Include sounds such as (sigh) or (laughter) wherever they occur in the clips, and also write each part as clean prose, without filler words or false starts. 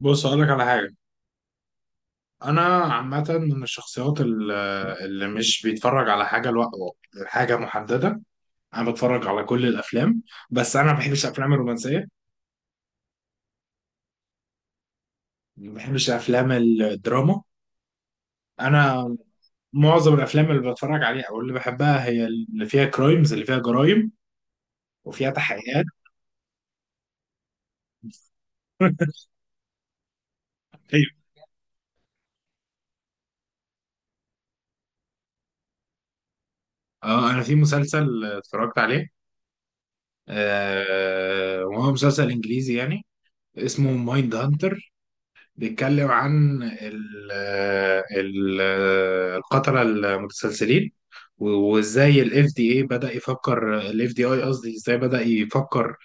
بص اقول لك على حاجه. انا عامه من الشخصيات اللي مش بيتفرج على حاجه حاجه محدده. انا بتفرج على كل الافلام، بس انا ما بحبش الافلام الرومانسيه، ما بحبش افلام الدراما. انا معظم الافلام اللي بتفرج عليها او اللي بحبها هي اللي فيها كرايمز، اللي فيها جرايم وفيها تحقيقات. (laughs) ايوه. اه انا في مسلسل اتفرجت عليه، وهو مسلسل انجليزي يعني، اسمه مايند هانتر. بيتكلم عن ال القتلة المتسلسلين، وازاي الاف دي اي بدأ يفكر، الاف دي اي قصدي ازاي بدأ يفكر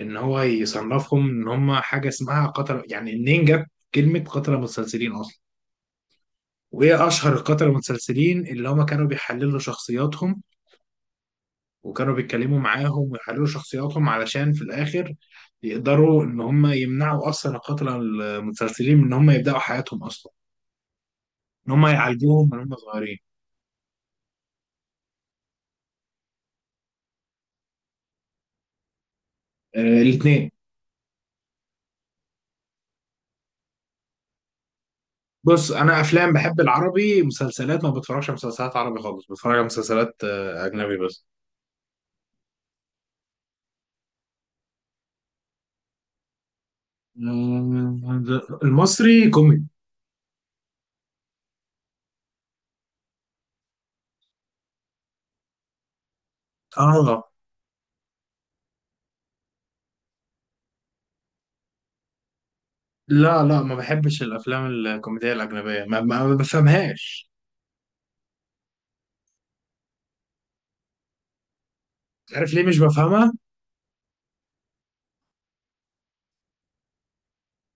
ان هو يصنفهم ان هم حاجة اسمها قتلة. يعني منين جت كلمة قتلة متسلسلين اصلا؟ وايه اشهر القتلة المتسلسلين اللي هم كانوا بيحللوا شخصياتهم وكانوا بيتكلموا معاهم ويحللوا شخصياتهم علشان في الاخر يقدروا ان هم يمنعوا اصلا القتلة المتسلسلين من ان هم يبدأوا حياتهم اصلا، ان هم يعالجوهم من هم صغيرين. آه الاثنين. بص انا افلام بحب العربي، مسلسلات ما بتفرجش على مسلسلات عربي خالص، بتفرج على مسلسلات اجنبي بس. المصري كوميدي. اه. لا لا، ما بحبش الافلام الكوميديه الاجنبيه، ما بفهمهاش. عارف ليه مش بفهمها؟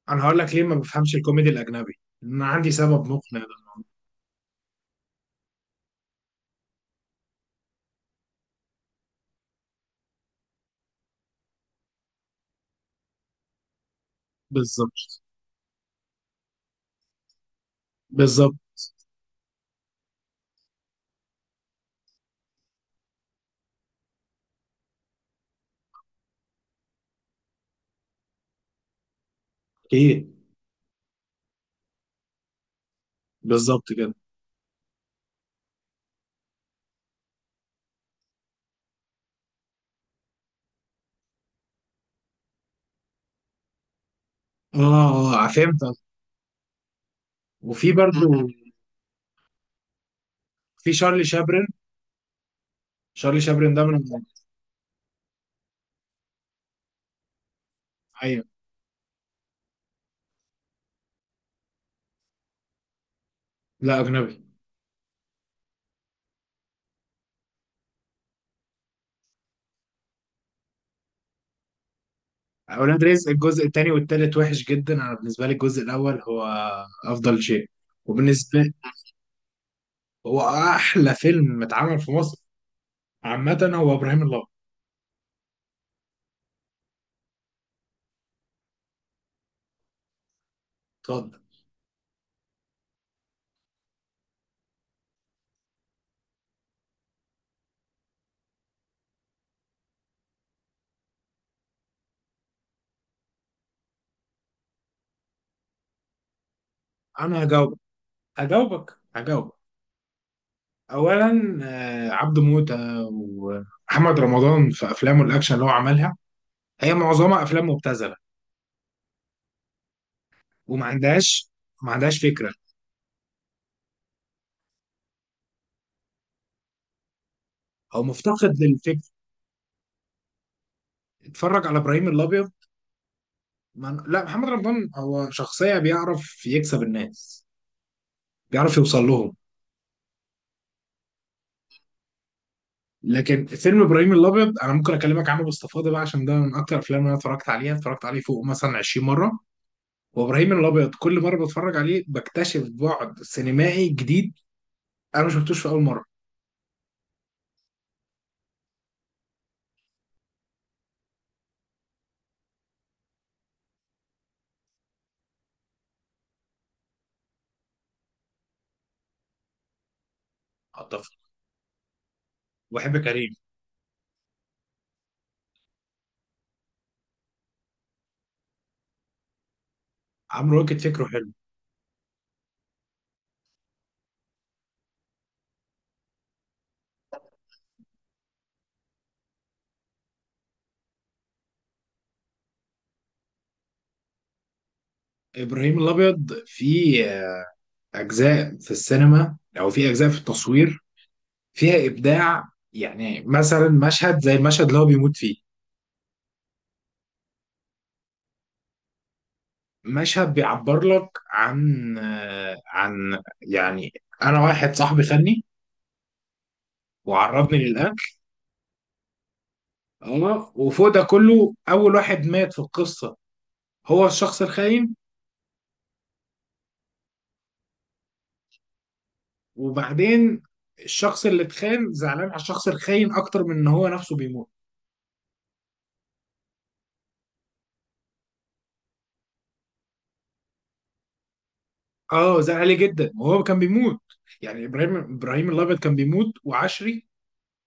انا هقول لك ليه ما بفهمش الكوميدي الاجنبي، انا عندي سبب مقنع ده. بالظبط. بالظبط. اكيد. بالظبط كده. اه اه فهمت. وفي برضو في شارلي شابرن، شارلي شابرن ده من، ايوه. لا اجنبي. اولاد رزق الجزء الثاني والثالث وحش جدا، انا بالنسبه لي الجزء الاول هو افضل شيء، وبالنسبه لي هو احلى فيلم اتعمل في مصر، عامه هو ابراهيم الابيض. اتفضل. انا هجاوبك هجاوبك. اولا عبده موته ومحمد رمضان في افلامه الاكشن اللي هو عملها، هي معظمها افلام مبتذله، وما عندهاش ما عندهاش فكره، هو مفتقد للفكر. اتفرج على ابراهيم الابيض. ما أنا- لا محمد رمضان هو شخصية بيعرف يكسب الناس، بيعرف يوصل لهم. لكن فيلم ابراهيم الابيض انا ممكن اكلمك عنه باستفاضه بقى، عشان ده من اكتر الافلام اللي انا اتفرجت عليها، اتفرجت عليه فوق مثلا 20 مره. وابراهيم الابيض كل مره بتفرج عليه بكتشف بعد سينمائي جديد، انا ما شفتوش في اول مره. اتفق. وبحب كريم. عمرو واكد فكره حلو. ابراهيم الابيض فيه اجزاء في السينما او فيه اجزاء في التصوير فيها ابداع، يعني مثلا مشهد زي المشهد اللي هو بيموت فيه، مشهد بيعبر لك عن عن يعني، انا واحد صاحبي خدني وعرضني للاكل. اه وفوق ده كله اول واحد مات في القصه هو الشخص الخاين. وبعدين الشخص اللي اتخان زعلان على الشخص الخاين اكتر من ان هو نفسه بيموت. اه زعل عليه جدا وهو كان بيموت، يعني ابراهيم الابيض كان بيموت وعشري،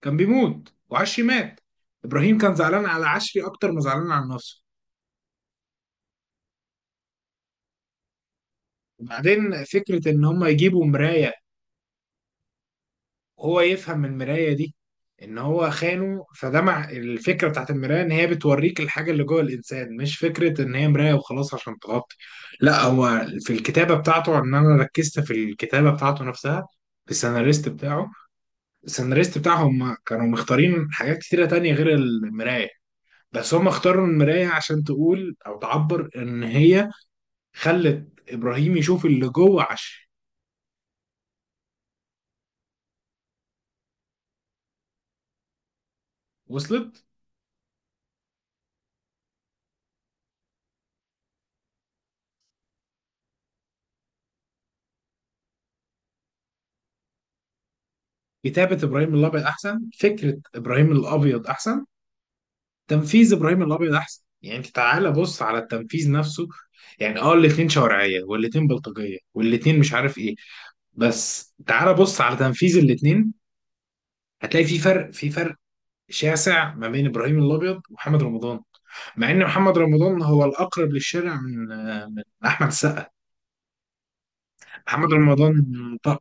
كان بيموت وعشري مات، ابراهيم كان زعلان على عشري اكتر ما زعلان على نفسه. وبعدين فكره ان هم يجيبوا مرايه، هو يفهم من المراية دي ان هو خانه، فده مع الفكرة بتاعت المراية ان هي بتوريك الحاجة اللي جوه الانسان، مش فكرة ان هي مراية وخلاص عشان تغطي. لا هو في الكتابة بتاعته، ان انا ركزت في الكتابة بتاعته نفسها، في السيناريست بتاعه. السيناريست بتاعهم كانوا مختارين حاجات كتيرة تانية غير المراية، بس هم اختاروا المراية عشان تقول او تعبر ان هي خلت ابراهيم يشوف اللي جوه، عشان وصلت. كتابة ابراهيم الابيض احسن، فكرة ابراهيم الابيض احسن، تنفيذ ابراهيم الابيض احسن. يعني انت تعالى بص على التنفيذ نفسه، يعني اه الاتنين شوارعيه والاتنين بلطجيه والاتنين مش عارف ايه، بس تعالى بص على تنفيذ الاتنين، هتلاقي في فرق شاسع ما بين ابراهيم الابيض ومحمد رمضان، مع ان محمد رمضان هو الاقرب للشارع من احمد السقا. محمد رمضان. طب.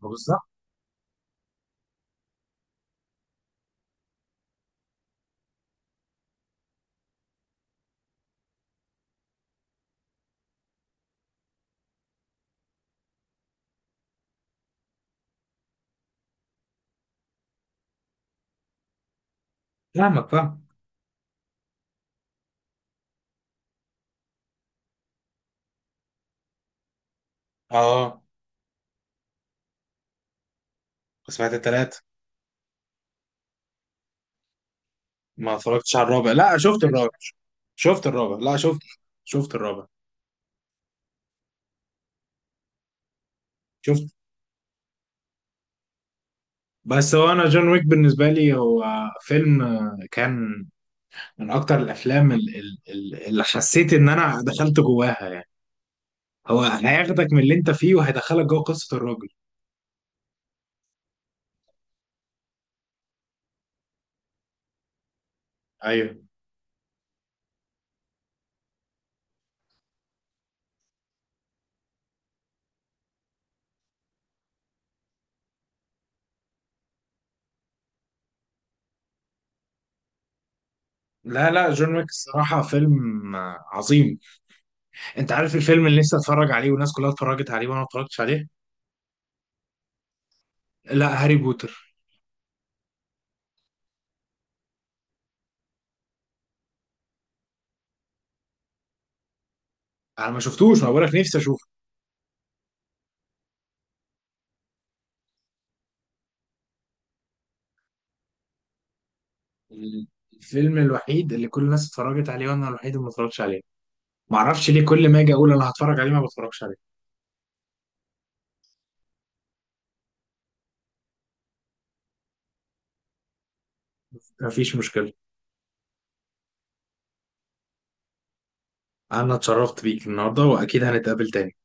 بالظبط. فاهمك فاهم. اه سمعت التلاتة. ما اتفرجتش على الرابع، لا شفت الرابع، شفت الرابع، لا شفت، شفت الرابع، شفت. بس هو انا جون ويك بالنسبه لي هو فيلم كان من اكتر الافلام اللي حسيت ان انا دخلت جواها يعني، هو هياخدك من اللي انت فيه وهيدخلك جوه قصه الراجل. ايوه. لا لا، جون ويك الصراحه فيلم عظيم. انت عارف الفيلم اللي نفسي اتفرج عليه والناس كلها اتفرجت عليه وانا ما اتفرجتش عليه؟ لا هاري بوتر، انا ما شفتوش، ما بقولك نفسي اشوفه. الفيلم الوحيد اللي كل الناس اتفرجت عليه وانا الوحيد اللي ما اتفرجتش عليه، ما اعرفش ليه كل ما اجي اقول انا هتفرج عليه ما بتفرجش عليه. مفيش مشكله، انا اتشرفت بيك النهارده واكيد هنتقابل تاني.